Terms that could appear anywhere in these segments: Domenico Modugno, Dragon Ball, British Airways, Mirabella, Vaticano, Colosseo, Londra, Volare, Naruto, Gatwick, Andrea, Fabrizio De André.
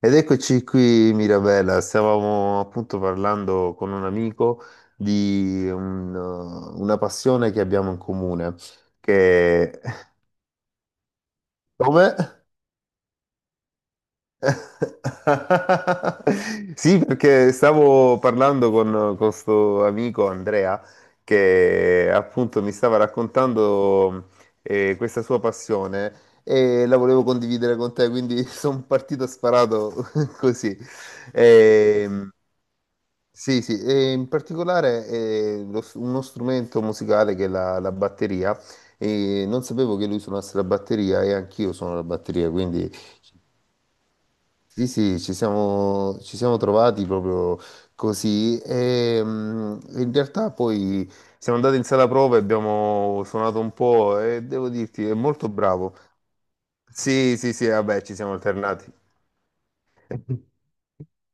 Ed eccoci qui, Mirabella. Stavamo appunto parlando con un amico di una passione che abbiamo in comune, che... Come? Sì, perché stavo parlando con questo amico Andrea che appunto mi stava raccontando questa sua passione e la volevo condividere con te, quindi sono partito sparato così. Ehm, Sì, sì, e in particolare uno strumento musicale che è la batteria, e non sapevo che lui suonasse la batteria e anch'io suono la batteria, quindi sì, sì, ci siamo trovati proprio così e in realtà poi siamo andati in sala prova e abbiamo suonato un po' e devo dirti, è molto bravo. Sì, sì, sì, vabbè, ci siamo alternati.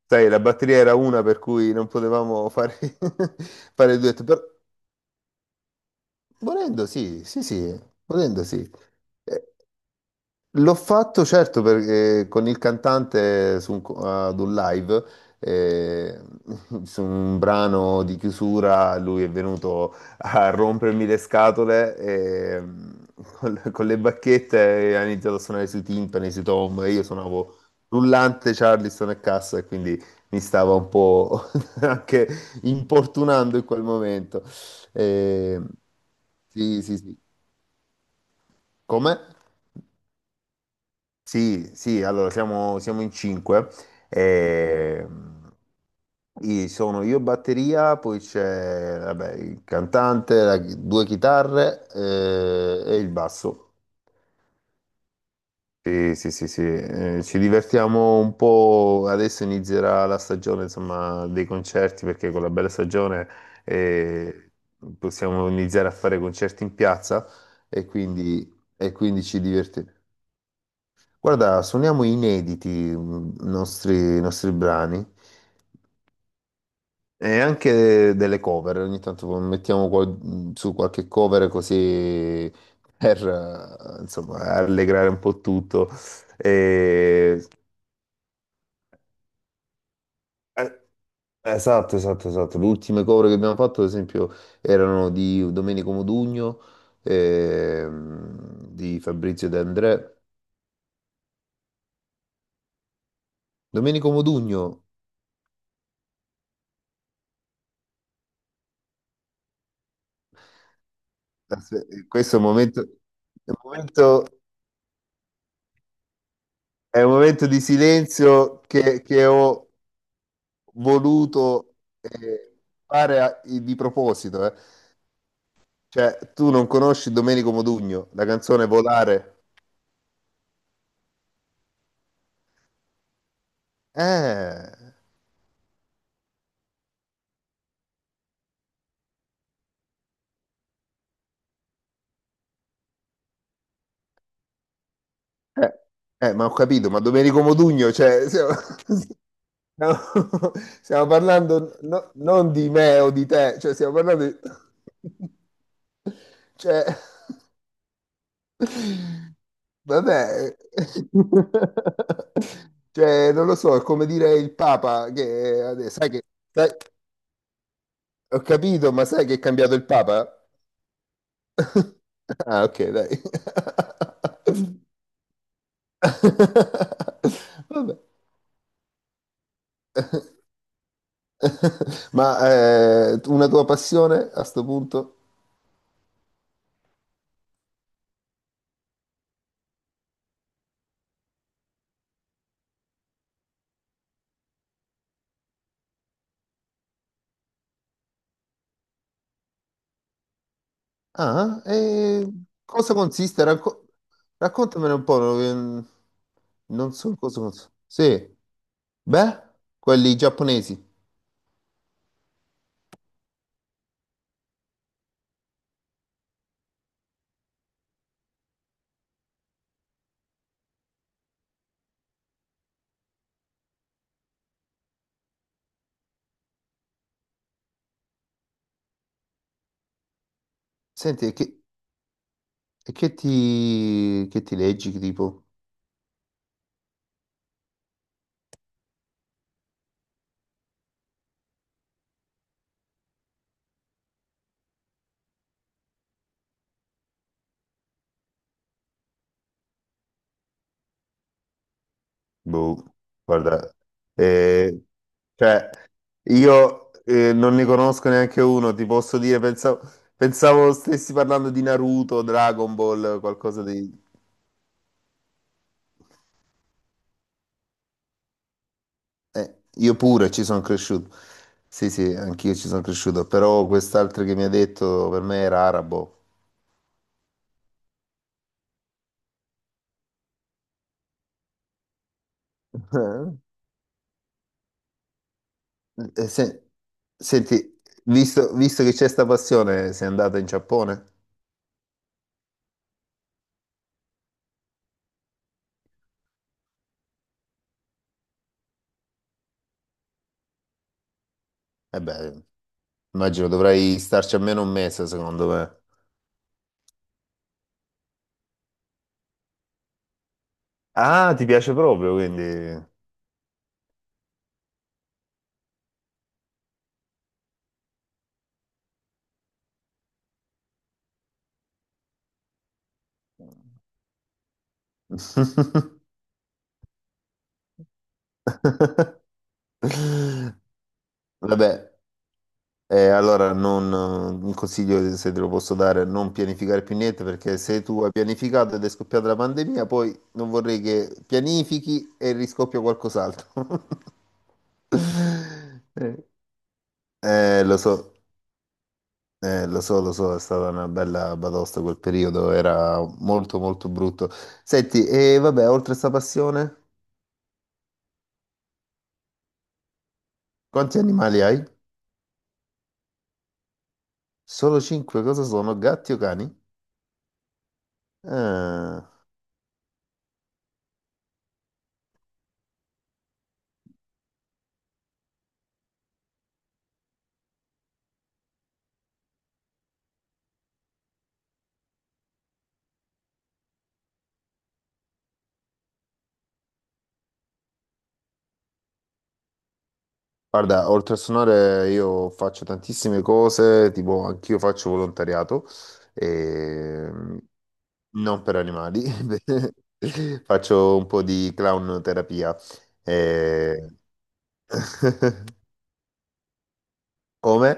Sai, la batteria era una per cui non potevamo fare, fare il duetto, però... Volendo sì, sì, sì, volendo sì. Eh, L'ho fatto certo perché con il cantante ad un live, eh, su un brano di chiusura, lui è venuto a rompermi le scatole e, con le bacchette e ha iniziato a suonare sui timpani, sui tom, e io suonavo rullante, Charleston e cassa e quindi mi stava un po' anche importunando in quel momento. Eh, sì, sì, sì. Come? Sì, sì, allora siamo in 5. Ehm, sono io batteria, poi c'è vabbè, il cantante, due chitarre e il basso. Sì, sì, sì, sì. Eh, ci divertiamo un po'. Adesso inizierà la stagione, insomma, dei concerti, perché con la bella stagione eh, possiamo iniziare a fare concerti in piazza e quindi ci divertiamo. Guarda, suoniamo inediti i nostri brani e anche delle cover. Ogni tanto mettiamo su qualche cover così per insomma, allegrare un po' tutto. E- eh, Esatto, esatto, esatto. Le ultime cover che abbiamo fatto, ad esempio, erano di Domenico Modugno, di Fabrizio De André. Domenico Modugno, questo è un momento. È un momento È un momento di silenzio che ho voluto di proposito. Eh. Cioè, tu non conosci Domenico Modugno, la canzone Volare? Eh, eh, ma ho capito, ma Domenico Modugno, cioè, stiamo- stiamo parlando non di me o di te, cioè, stiamo parlando di... Cioè... Vabbè, cioè, non lo so, è come dire il Papa, che sai che, sai- ho capito, ma sai che è cambiato il Papa? Ah, ok, dai. Vabbè. Ma una tua passione a sto punto? Ah, e cosa consiste? Raccontamene un po', non so in cosa consiste. Sì, beh, quelli giapponesi. Senti, che ti leggi, che tipo? Boh, guarda, eh, cioè, io non ne conosco neanche uno, ti posso dire, pensavo stessi parlando di Naruto, Dragon Ball, qualcosa di... io pure ci sono cresciuto. Sì, sì, anch'io ci sono cresciuto, però quest'altro che mi ha detto per me era arabo. Eh, eh, se- senti, visto che c'è sta passione, sei andato in Giappone? Eh beh, immagino dovrai starci almeno 1 mese, secondo me. Ah, ti piace proprio, quindi... Vabbè, eh, allora, non, un consiglio, se te lo posso dare, non pianificare più niente perché se tu hai pianificato ed è scoppiata la pandemia, poi non vorrei che pianifichi e riscoppia qualcos'altro. Eh, lo so, lo so, lo so, è stata una bella batosta quel periodo, era molto molto brutto. Senti, e vabbè, oltre a sta passione, quanti animali hai? Solo 5, cosa sono? Gatti o cani? Ah. Guarda, oltre a suonare io faccio tantissime cose, tipo anch'io faccio volontariato, ehm, non per animali, faccio un po' di clown terapia. Eh. Come?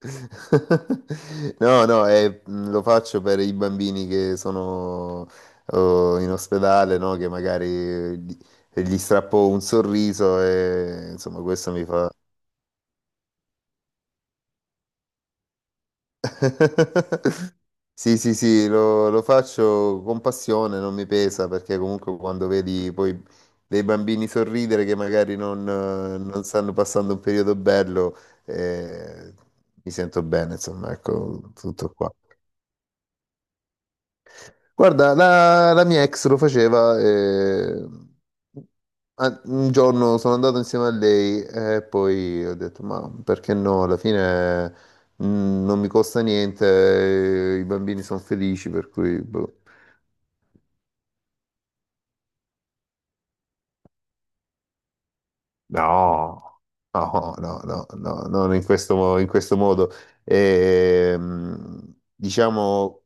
No, no, lo faccio per i bambini che sono oh, in ospedale, no? Che magari gli strappo un sorriso e insomma questo mi fa... Sì, sì, sì, lo faccio con passione, non mi pesa perché comunque quando vedi poi dei bambini sorridere che magari non, non stanno passando un periodo bello, eh, mi sento bene, insomma, ecco, tutto qua. Guarda, la mia ex lo faceva e un giorno sono andato insieme a lei e poi ho detto, ma perché no? Alla fine mh, non mi costa niente, i bambini sono felici, per cui... boh. No, no, no, no, no, non in questo, in questo modo. E, diciamo...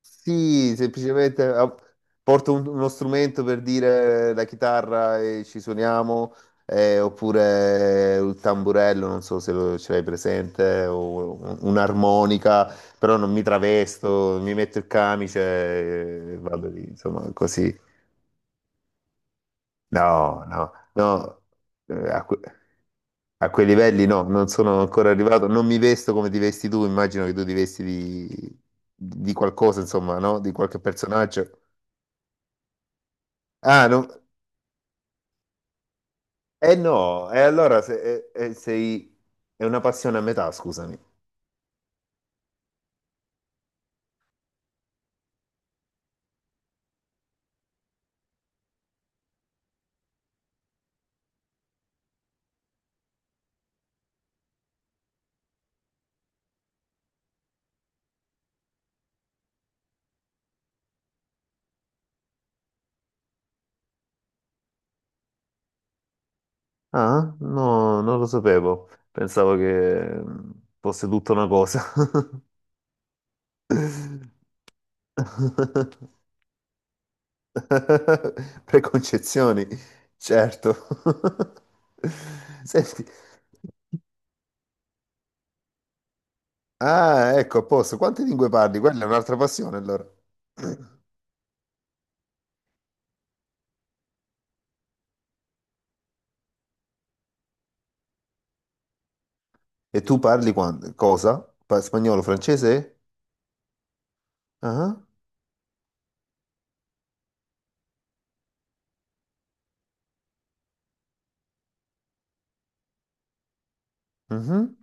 Sì, semplicemente porto uno strumento per dire la chitarra e ci suoniamo, oppure il tamburello, non so se lo, ce l'hai presente, o un'armonica, però non mi travesto, mi metto il camice e vado lì, insomma, così. No, no, no, eh, a, que- a quei livelli no, non sono ancora arrivato, non mi vesto come ti vesti tu, immagino che tu ti vesti di qualcosa, insomma, no? Di qualche personaggio. Ah, no. Eh no, e allora se- eh, eh, sei... è una passione a metà, scusami. Ah, no, non lo sapevo. Pensavo che fosse tutta una cosa. Preconcezioni, certo. Senti, ah, ecco, a posto. Quante lingue parli? Quella è un'altra passione, allora. E tu parli cosa? Spagnolo, francese? Ah, mhm.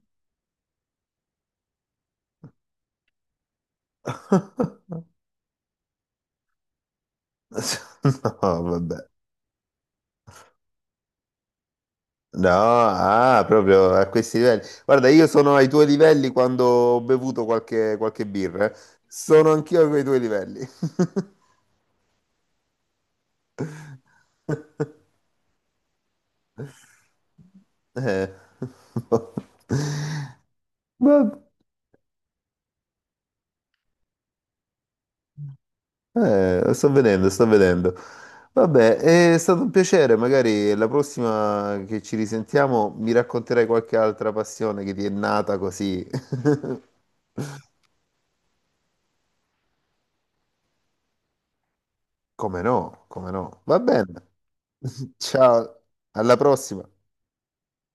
No, vabbè. No, ah, proprio a questi livelli. Guarda, io sono ai tuoi livelli quando ho bevuto qualche birra. Eh. Sono anch'io a quei tuoi livelli. Eh. Vabbè, sto vedendo. Vabbè, è stato un piacere. Magari la prossima che ci risentiamo mi racconterai qualche altra passione che ti è nata così. Come no, come no. Va bene. Ciao, alla prossima.